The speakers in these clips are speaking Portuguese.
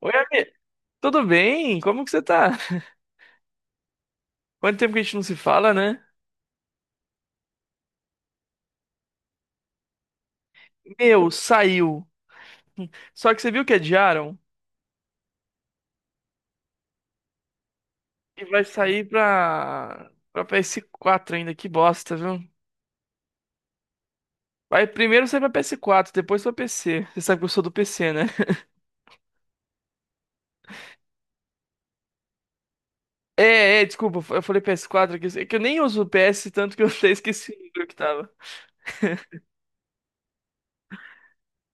Oi, amigo. Tudo bem? Como que você tá? Quanto tempo que a gente não se fala, né? Meu, saiu. Só que você viu que adiaram? E vai sair pra PS4 ainda. Que bosta, viu? Vai primeiro sai pra PS4, depois pra PC. Você sabe que eu sou do PC, né? É, é, desculpa. Eu falei PS4 aqui. É que eu nem uso o PS, tanto que eu até esqueci o número que tava.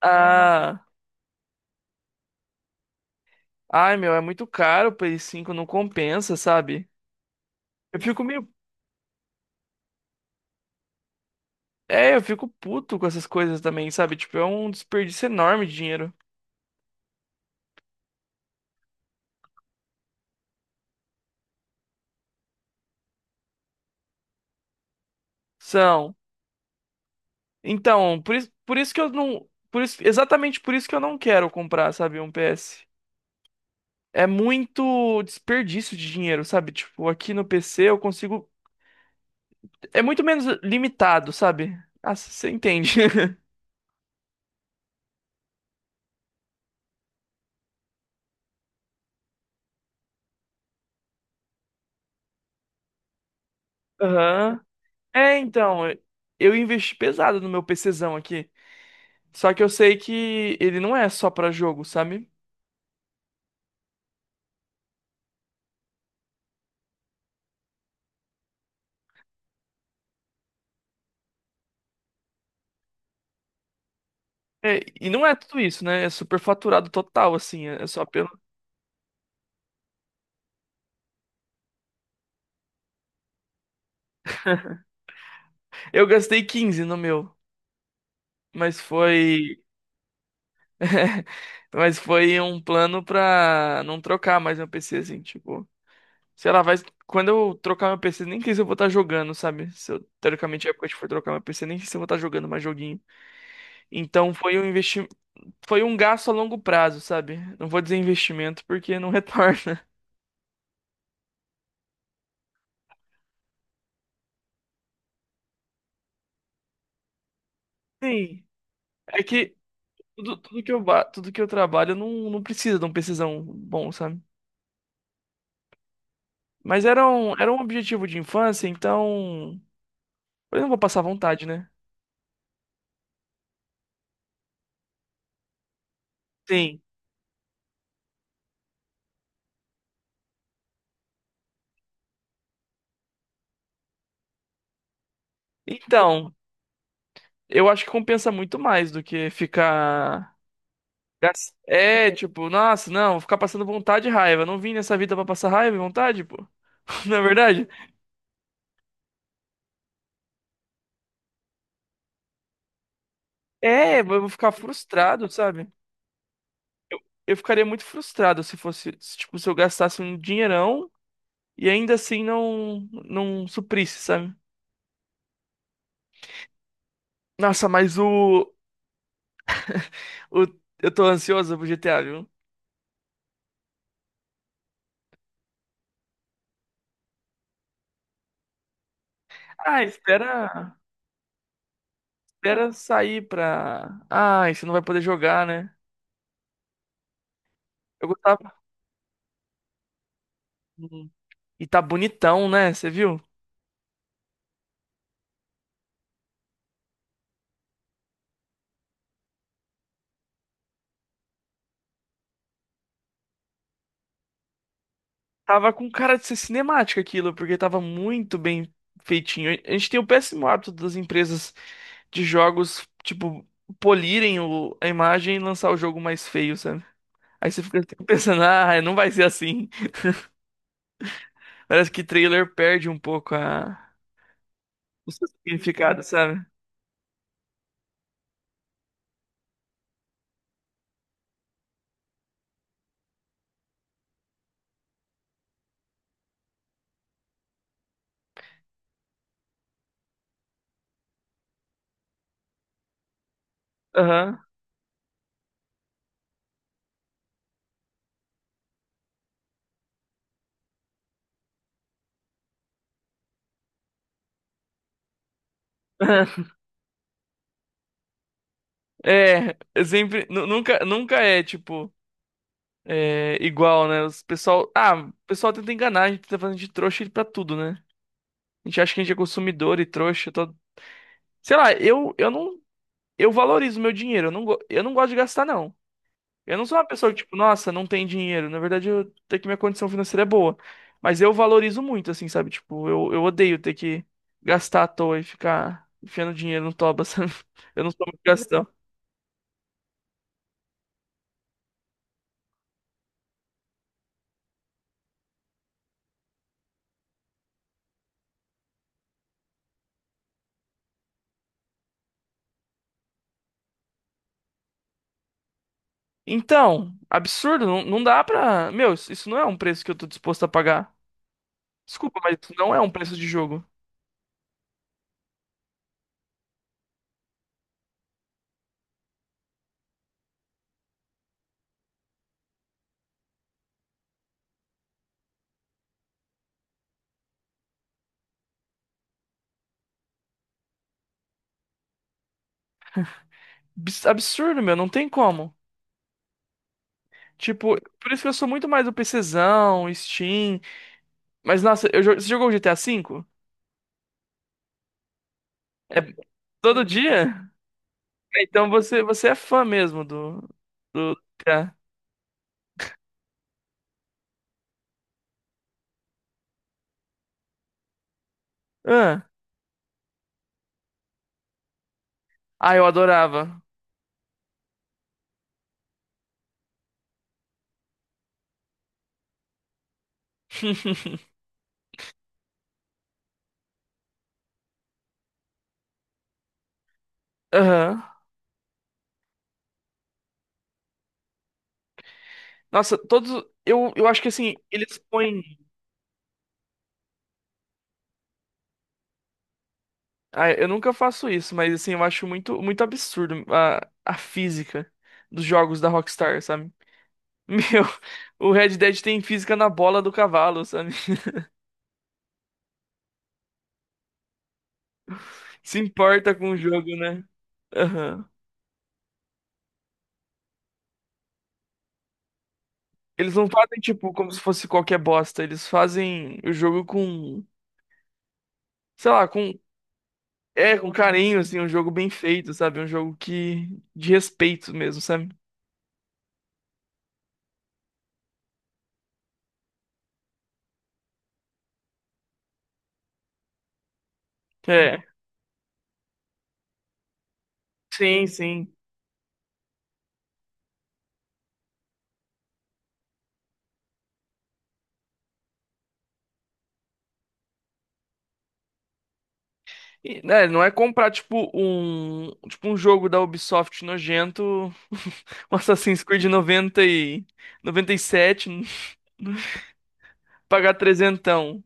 Ah, ai, meu, é muito caro. O PS5 não compensa, sabe? Eu fico meio. É, eu fico puto com essas coisas também, sabe? Tipo, é um desperdício enorme de dinheiro. São. Então, por isso que eu não. Por isso, exatamente por isso que eu não quero comprar, sabe, um PS. É muito desperdício de dinheiro, sabe? Tipo, aqui no PC eu consigo. É muito menos limitado, sabe? Ah, você entende. Aham. É, então, eu investi pesado no meu PCzão aqui. Só que eu sei que ele não é só pra jogo, sabe? É, e não é tudo isso, né? É superfaturado total, assim. É só pelo. Eu gastei 15 no meu, mas foi. Mas foi um plano pra não trocar mais meu PC, assim, tipo. Sei lá, vai. Quando eu trocar meu PC, nem sei se eu vou estar jogando, sabe? Se eu, teoricamente, a época que eu for trocar meu PC, nem sei se eu vou estar jogando mais joguinho. Então foi um gasto a longo prazo, sabe? Não vou dizer investimento porque não retorna. Sim. É que tudo que eu trabalho não precisa de um PCzão bom, sabe? Mas era um objetivo de infância, então. Eu não vou passar vontade, né? Sim. Então, eu acho que compensa muito mais do que ficar. É, tipo, nossa, não, vou ficar passando vontade e raiva. Não vim nessa vida pra passar raiva e vontade, pô. Na verdade? É, eu vou ficar frustrado, sabe? Eu ficaria muito frustrado se fosse, se, tipo, se eu gastasse um dinheirão e ainda assim não suprisse, sabe? Nossa, mas o. Eu tô ansioso pro GTA, viu? Ah, espera. Você não vai poder jogar, né? Eu gostava. E tá bonitão, né? Você viu? Tava com cara de ser cinemática aquilo, porque tava muito bem feitinho. A gente tem o péssimo hábito das empresas de jogos, tipo, polirem a imagem e lançar o jogo mais feio, sabe? Aí você fica pensando, ah, não vai ser assim. Parece que trailer perde um pouco o seu significado, sabe? Aham. É, sempre, nunca é, tipo, é, igual, né? O pessoal tenta enganar, a gente tá fazendo de trouxa pra tudo, né? A gente acha que a gente é consumidor e trouxa. Todo... Sei lá, eu não. Eu valorizo meu dinheiro. Eu não gosto de gastar, não. Eu não sou uma pessoa que, tipo, nossa, não tem dinheiro. Na verdade, eu até que minha condição financeira é boa. Mas eu valorizo muito, assim, sabe? Tipo, eu odeio ter que gastar à toa e ficar enfiando dinheiro no toba, sabe? Eu não sou muito gastão. Então, absurdo, não dá pra. Meu, isso não é um preço que eu tô disposto a pagar. Desculpa, mas isso não é um preço de jogo. Absurdo, meu, não tem como. Tipo, por isso que eu sou muito mais do PCzão, Steam. Mas, nossa, você jogou o GTA V? É todo dia? É, então você é fã mesmo do GTA. Ah, ah, eu adorava. Aham. Nossa, todos. Eu acho que assim, eles põem. Ah, eu nunca faço isso, mas assim, eu acho muito, muito absurdo a física dos jogos da Rockstar, sabe? Meu, o Red Dead tem física na bola do cavalo, sabe? Se importa com o jogo, né? Aham. Eles não fazem, tipo, como se fosse qualquer bosta. Eles fazem o jogo com, sei lá, com, é, com carinho, assim, um jogo bem feito, sabe? Um jogo que, de respeito mesmo, sabe? É. Sim, sim. E, né, não é comprar, tipo, um jogo da Ubisoft nojento, um Assassin's Creed noventa e sete, pagar trezentão.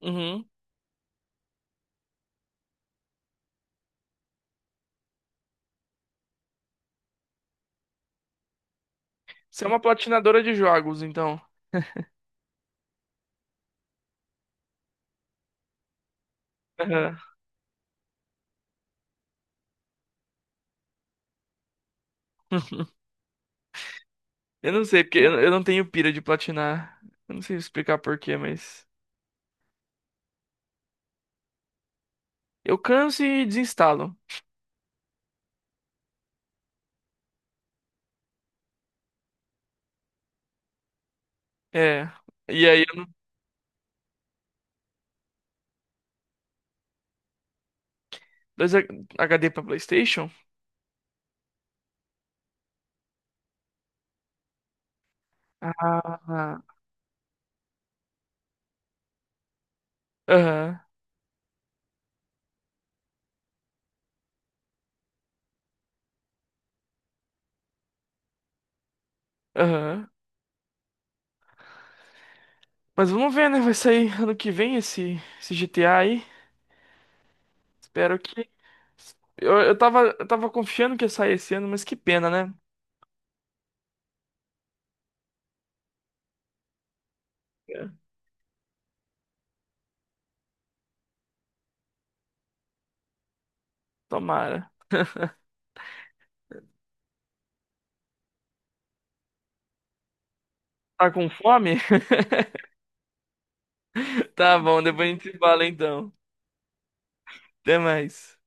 Uhum. Você é uma platinadora de jogos, então. Aham. Eu não sei, porque eu não tenho pira de platinar. Eu não sei explicar por quê, mas. Eu canso e desinstalo. É. E aí, eu não- dois H- HD pra PlayStation? Ah. Aham, aham. Mas vamos ver, né? Vai sair ano que vem esse GTA aí. Espero que. Eu tava confiando que ia sair esse ano, mas que pena, né? É. Tomara. Tá com fome? Tá bom, depois a gente se fala então. Até mais.